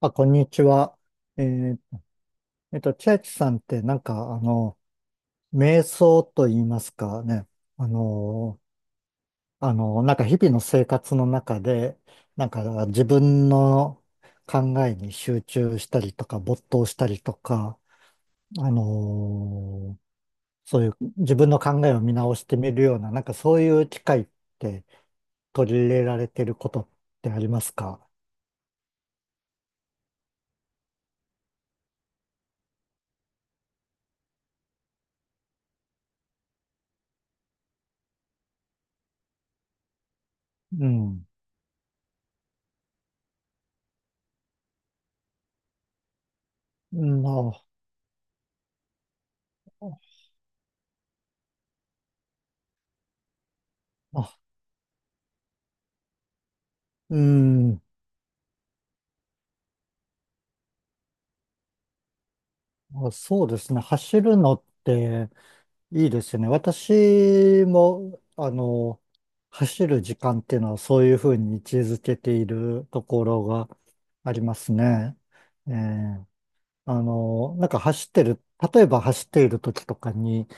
あ、こんにちは。えー千秋さんって瞑想と言いますかね。あの、なんか日々の生活の中で、なんか自分の考えに集中したりとか、没頭したりとか、あの、そういう自分の考えを見直してみるような、なんかそういう機会って取り入れられてることってありますか？うん。うん、まあ、あ、うん。あ、そうですね。走るのっていいですよね。私も、走る時間っていうのはそういうふうに位置づけているところがありますね。ええなんか走ってる、例えば走っている時とかに、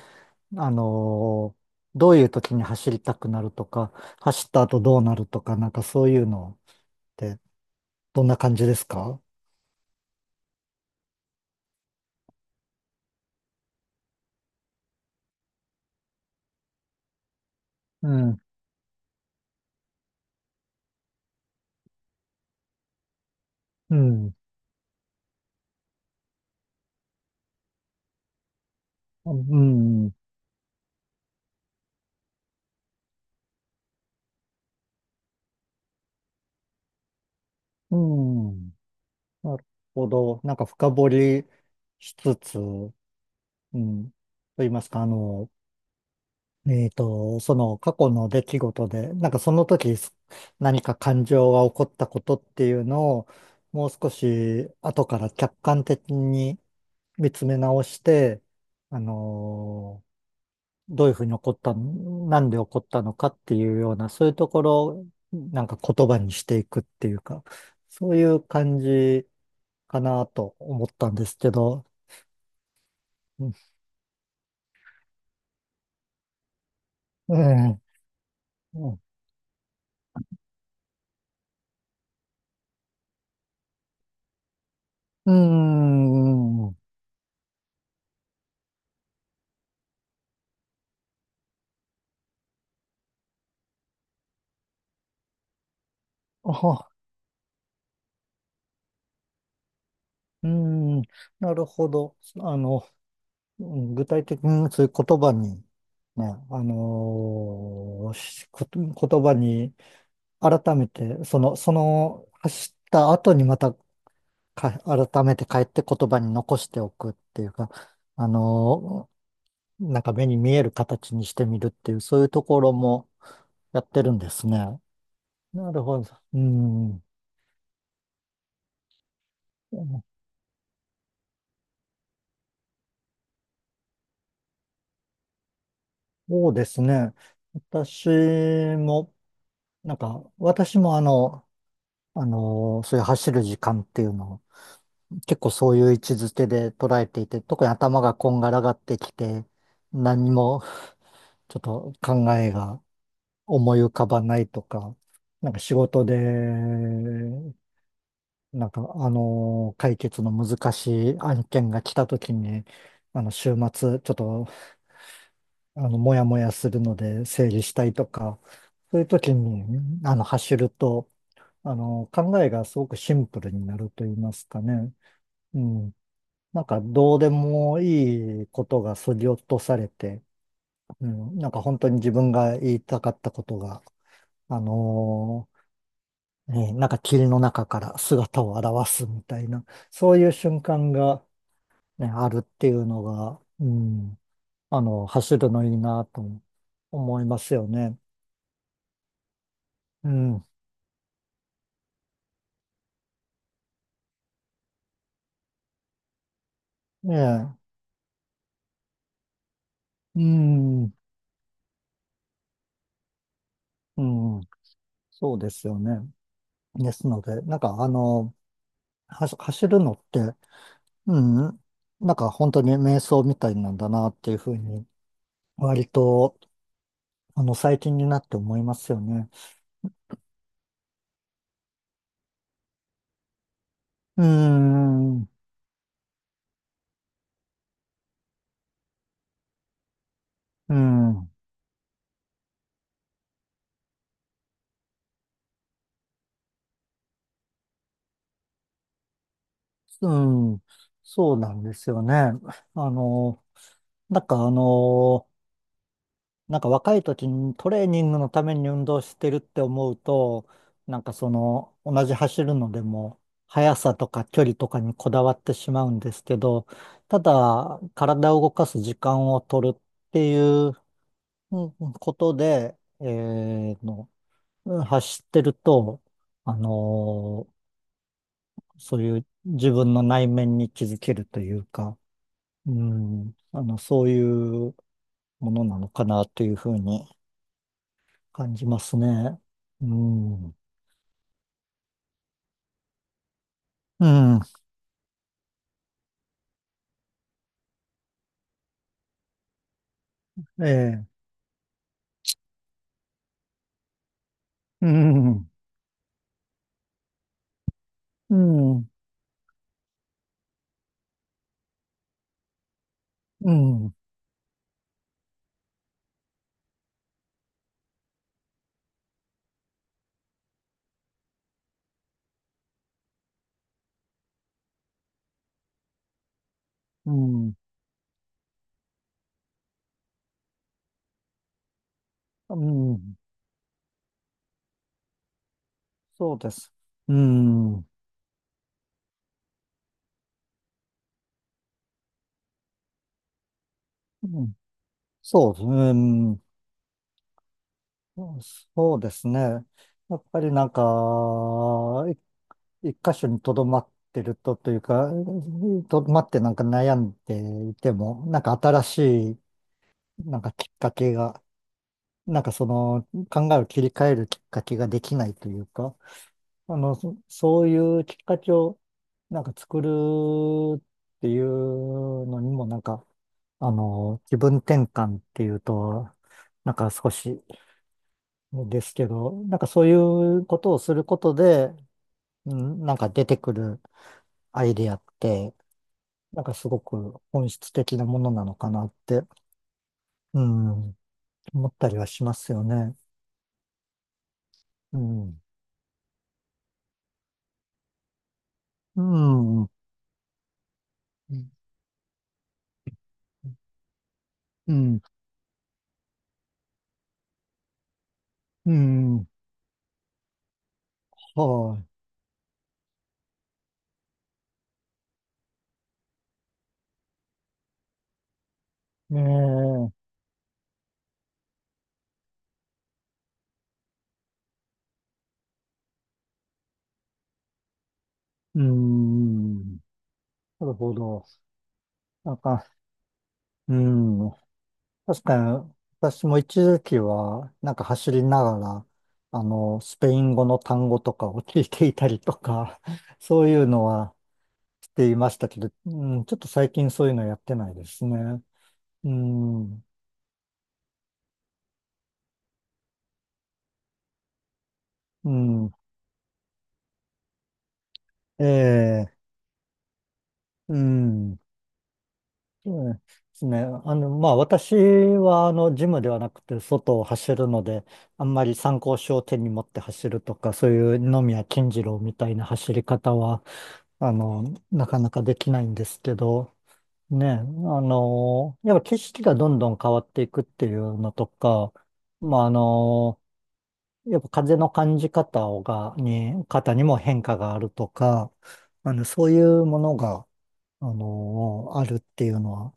あの、どういう時に走りたくなるとか、走った後どうなるとか、なんかそういうのってどんな感じですか？うん、うん、うん、うん。なるほど。なんか深掘りしつつ、うん。と言いますか、その過去の出来事で、なんかその時す何か感情が起こったことっていうのを、もう少し後から客観的に見つめ直して、あのどういうふうに起こったなんで起こったのかっていうような、そういうところをなんか言葉にしていくっていうか、そういう感じかなと思ったんですけど、うん、うん、うん、あ、うん、なるほど。あの、うん、具体的にそういう言葉に、ね、あのーしこと言葉に改めて、走った後にまた改めて帰って言葉に残しておくっていうか、あのーなんか目に見える形にしてみるっていう、そういうところもやってるんですね。なるほど。うん。そうですね。私も、なんか、私もそういう走る時間っていうのを、結構そういう位置づけで捉えていて、特に頭がこんがらがってきて、何も、ちょっと考えが思い浮かばないとか、なんか仕事で、解決の難しい案件が来た時に、週末、ちょっと、あの、もやもやするので整理したいとか、そういう時に、走ると、考えがすごくシンプルになると言いますかね。うん。なんか、どうでもいいことが削ぎ落とされて、うん。なんか、本当に自分が言いたかったことが、あのね、なんか霧の中から姿を現すみたいな、そういう瞬間が、ね、あるっていうのが、うん、走るのいいなと思いますよね。うん。ねえ、うん、うん、そうですよね。ですので、走るのって、うん、なんか本当に瞑想みたいなんだなっていうふうに、割と、最近になって思いますよね。うん、うん。うん、そうなんですよね。あの、なんかあの、なんか若い時にトレーニングのために運動してるって思うと、なんかその、同じ走るのでも、速さとか距離とかにこだわってしまうんですけど、ただ、体を動かす時間を取るっていう、うんことで、えーの、うん、走ってると、あの、そういう自分の内面に気づけるというか、うん、そういうものなのかなというふうに感じますね。うん、うん、ええ、うん、うん、うん、うん、うん、そうです。うん、うん、そうですね、うん、そうですね。やっぱりなんか、い一箇所にとどまってるとというか、とどまってなんか悩んでいても、なんか新しいなんかきっかけが、なんかその考えを切り替えるきっかけができないというか、そういうきっかけをなんか作るっていうのにもなんか、気分転換っていうと、なんか少しですけど、なんかそういうことをすることで、うん、なんか出てくるアイデアって、なんかすごく本質的なものなのかなって、うん、思ったりはしますよね。うん。うん。うん。うんうん、はい。ねえ、うん、なるほど。なんか、うん、確かに、私も一時期は、なんか走りながら、スペイン語の単語とかを聞いていたりとか、そういうのはしていましたけど、うん、ちょっと最近そういうのやってないですね。うん、うん、ええ、うん。うん、ですね。まあ、私は、ジムではなくて、外を走るので、あんまり参考書を手に持って走るとか、そういう野宮金次郎みたいな走り方は、あの、なかなかできないんですけど、ね、あの、やっぱ景色がどんどん変わっていくっていうのとか、まあ、あの、やっぱ風の感じ方をが、に、方にも変化があるとか、そういうものが、あるっていうのは、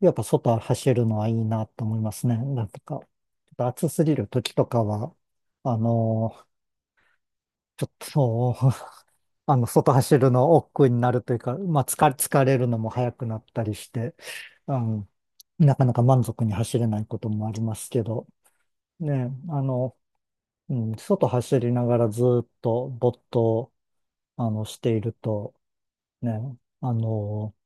やっぱ外走るのはいいなと思いますね。なんとか、ちょっと暑すぎる時とかは、あのーちょっとそう、外走るの億劫になるというか、まあ、疲れるのも早くなったりして、うん、なかなか満足に走れないこともありますけど、ね、うん、外走りながらずっと没頭、していると、ね、あのー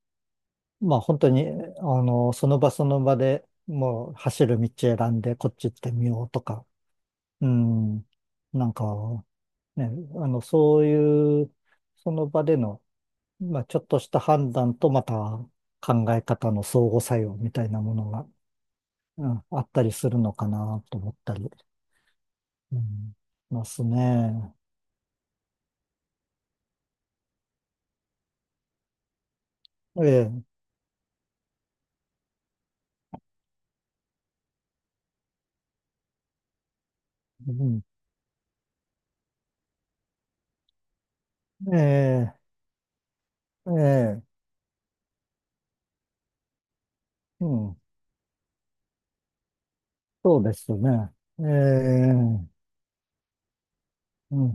まあ本当に、その場その場でもう走る道選んでこっち行ってみようとか、うん、なんかね、そういう、その場での、まあちょっとした判断とまた考え方の相互作用みたいなものが、うん、あったりするのかなと思ったり、うん、ますね。ええ、うん、ええ、ええ、うん、そうですね。ええ、うん